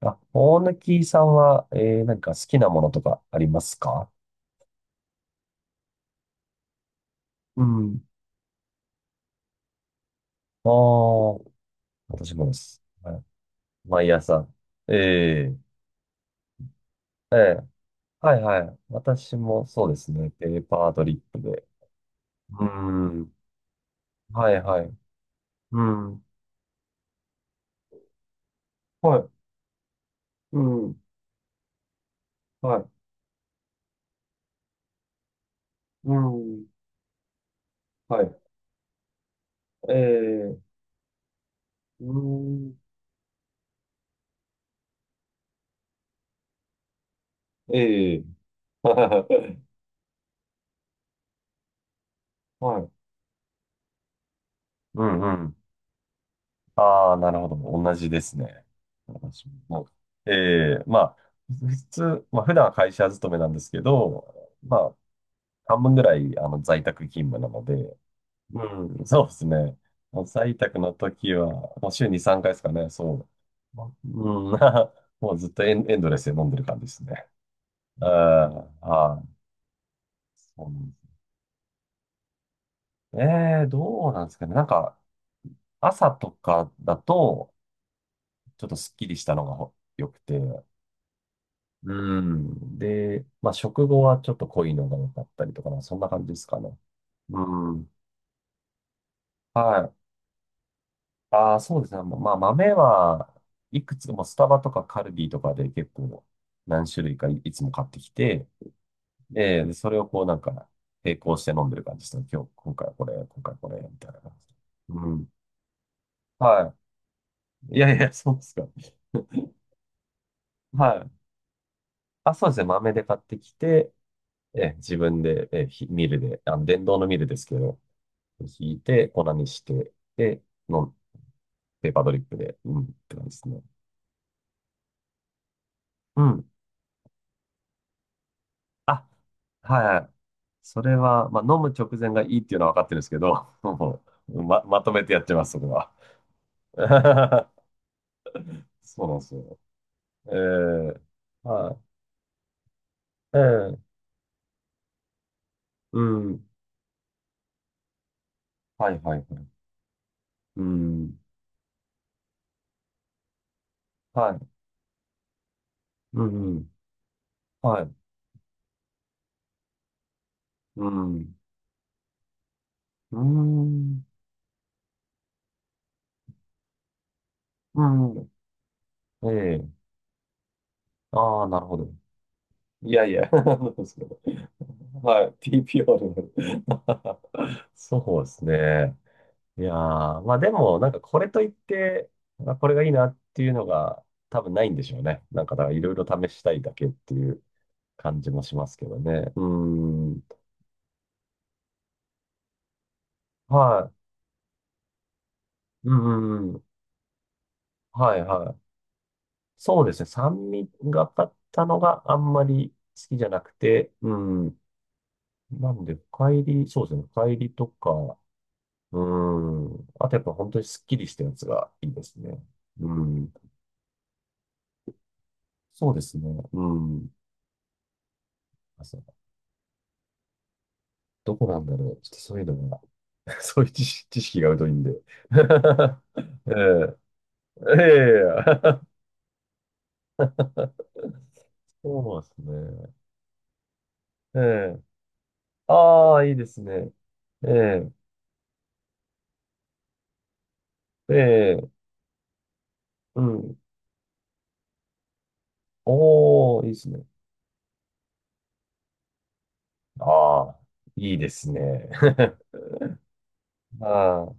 あ、大貫さんは、何か好きなものとかありますか？うん。ああ、私もです。はい、毎朝。ええ、ええ、はいはい。私もそうですね。ペーパードリップで。うん。はいはい。うん。はい。うん。はい。うん。はい。ええ、うん。ええ。 はい。うんうん。ああ、なるほど。同じですね。私も。ええ、まあ、普通、まあ、普段は会社勤めなんですけど、まあ、半分ぐらい、あの、在宅勤務なので、うん、そうですね。もう在宅の時は、もう週に3回ですかね、そう。まあ、うん、もうずっとエンドレスで飲んでる感じですね。うん、はい。そうなんですね。ええ、どうなんですかね。なんか、朝とかだと、ちょっとスッキリしたのがほ良くて、うん。で、まあ、食後はちょっと濃いのが多かったりとかな、そんな感じですかね。うん。はい。ああ、そうですね。まあ、豆はいくつもスタバとかカルビーとかで結構何種類かい、いつも買ってきて、でそれをこうなんか並行して飲んでる感じですね。今日、今回はこれ、今回はこれ、みたいな感じで。うん。はい。いやいや、そうですか。はい。あ、そうですね。豆で買ってきて、え、自分で、え、ミルで、あの、電動のミルですけど、引いて、粉にして、で、飲ペーパードリップで、うん、って感じですね。うん。あ、はいはい。それは、まあ、飲む直前がいいっていうのは分かってるんですけど、もう、まとめてやってます、そこは。そうなんですよ。ええ、はい。うん。はいはいはい。うん。はい。うん、うん。はい。うん。うーん。うん。ええ、ああー、なるほど。いやいや、そうですけどはい、PPR。そうですね。いやー、まあでも、なんかこれといって、まあ、これがいいなっていうのが多分ないんでしょうね。なんかだからいろいろ試したいだけっていう感じもしますけどね。うーん。はい。うんうん、うん。はいはい。そうですね。酸味がかったのがあんまり好きじゃなくて、うん。なんで、深入り、そうですね。深入りとか、うん。あとやっぱ本当にスッキリしたやつがいいですね。うん。そうですね。うん。あ、そう。どこなんだろう。ちょっとそういうのが、そういう知識が疎いんで。ええ。ええ。そうですね。ええ。ああ、いいですね。ええ。ええ。うん。おお、いいですね。ああ、いいですね。ああ、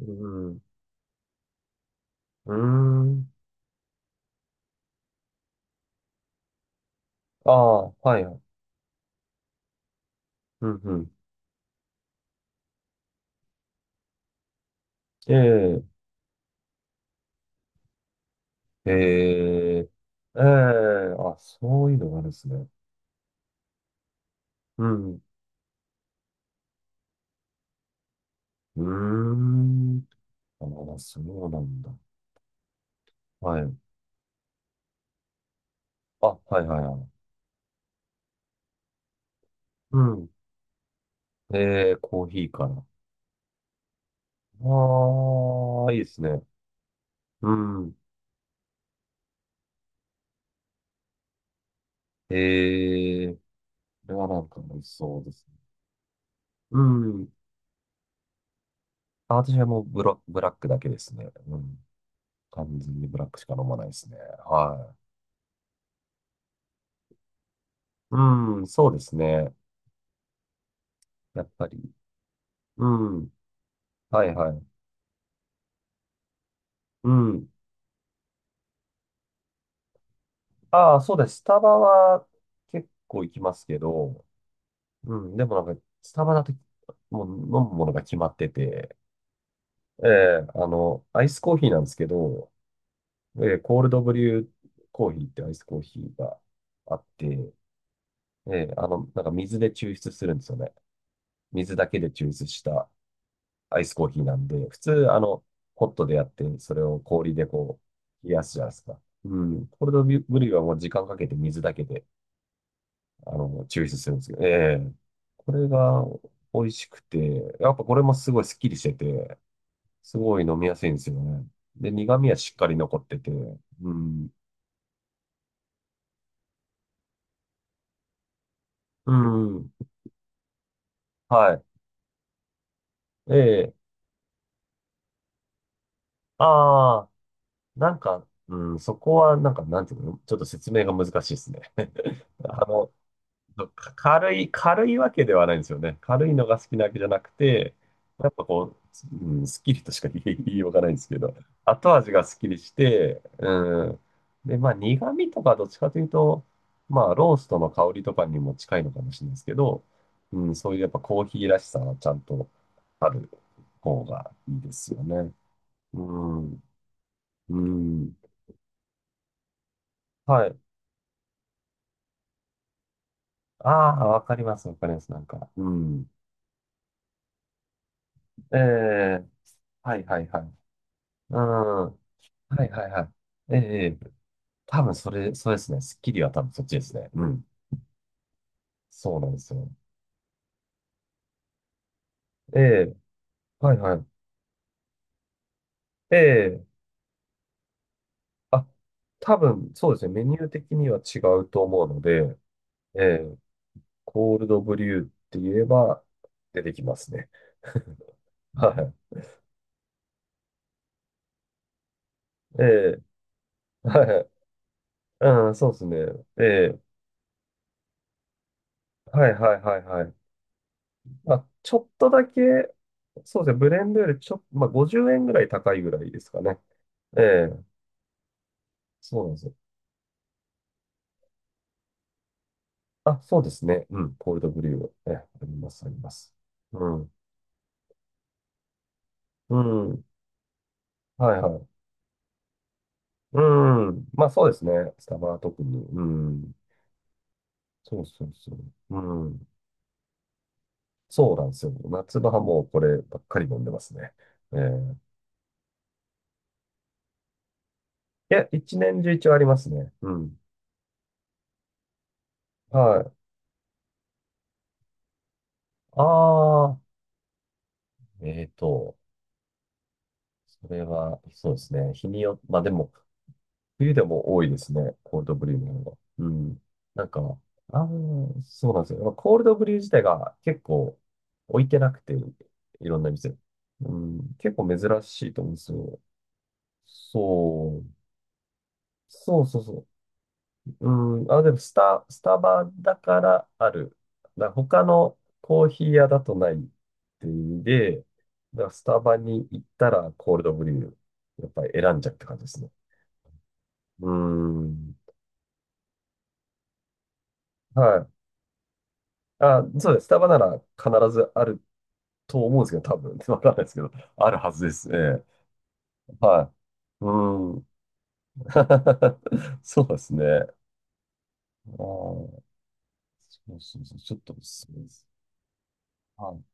うん。うーん。ああ、はいはい。うんうん。ええ、ええ、ええ、あ、そういうのがあるんですね。うん。うーん。あ、そうなんだ。はい。あ、はいはいはい。うん。ええ、コーヒーから。ああ、いいですね。うん。ええ、これはなんか美味しそうですね。うん。あ、私はもうブラックだけですね。うん。完全にブラックしか飲まないですね。はい。うん、そうですね。やっぱり。うん。はいはい。うん。ああ、そうです。スタバは結構行きますけど、うん、でもなんか、スタバだと、もう飲むものが決まってて、ええ、あの、アイスコーヒーなんですけど、ええ、コールドブリューコーヒーってアイスコーヒーがあって、ええ、あの、なんか水で抽出するんですよね。水だけで抽出したアイスコーヒーなんで、普通、あの、ホットでやって、それを氷でこう、冷やすじゃないですか。うん、コールドブリューはもう時間かけて水だけで、あの、抽出するんですけど、ええ、これが美味しくて、やっぱこれもすごいスッキリしてて、すごい飲みやすいんですよね。で、苦味はしっかり残ってて、うん、うん、はい。ええ、ああ、なんか、うん、そこはなんか、なんていうの、ちょっと説明が難しいですね。あの、そうか軽いわけではないんですよね。軽いのが好きなわけじゃなくて、やっぱこう、うん、スッキリとしか言いようがないんですけど、後味がスッキリして、うん。で、まあ苦味とかどっちかというと、まあローストの香りとかにも近いのかもしれないですけど、うん、そういうやっぱコーヒーらしさはちゃんとある方がいいですよね。うん、うん。はい。ああ、わかります、わかります、なんか。うん。ええ、はいはいはい。うん。はいはいはい。ええ、ええ、多分それ、そうですね。スッキリは多分そっちですね。うん。そうなんですよ。ええ、はいはい。ええ、あ、多分そうですね。メニュー的には違うと思うので、ええ、コールドブリューって言えば出てきますね。はい。ええ、はいはい。うん、そうですね。ええ、はいはいはいはい。まあ、ちょっとだけ、そうですね。ブレンドよりちょっと、まあ、50円ぐらい高いぐらいですかね。ええ、そうなんです。あ、そうですね。うん。コールドブリュー。え、あります、あります。うん。うん。はいはい。うん。まあそうですね。スタバは特に。うん。そうそうそう。うん。そうなんですよ。夏場はもうこればっかり飲んでますね。いや、一年中一応ありますね。うん。はい。ああ、えーと、それは、そうですね。日によ、まあでも、冬でも多いですね、コールドブリューの方が。うん。なんか、ああ、そうなんですよ。まあコールドブリュー自体が結構置いてなくて、いろんな店。うん、結構珍しいと思うんですよ。そう。そうそうそう。うん。あ、でもスタバだからある。だから他のコーヒー屋だとないっていう意味で、だからスタバに行ったらコールドブリュー、やっぱり選んじゃうって感じですね。うん。はい。あ、そうです。スタバなら必ずあると思うんですけど、多分。わかんないですけど、あるはずです。ええ。はい。うん。そうですね。あー、そうそうそう。ちょっとおすすめです。はい。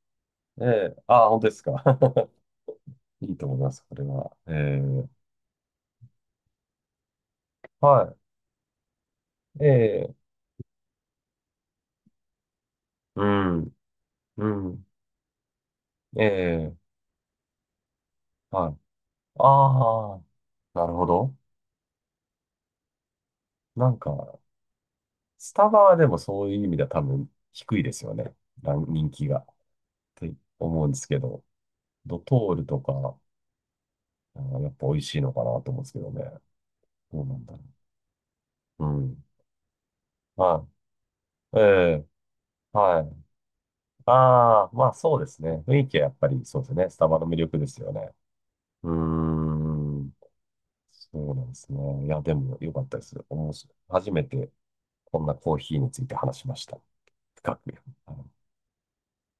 ええ。ああ、本当ですか。いいと思います、これは。ええ。はい。ええ。うん。うん。ええ。はい。ああ、なるほど。なんか、スタバはでもそういう意味では多分低いですよね。ラン人気が。って思うんですけど、ドトールとか、あーやっぱ美味しいのかなと思うんですけどね。どうなんだろう。うん。はい。ええ、はい。ああ、まあそうですね。雰囲気はやっぱりそうですね。スタバの魅力ですよね。うーん。そうなんですね。いや、でも良かったです。面白い。初めてこんなコーヒーについて話しました。深く。はい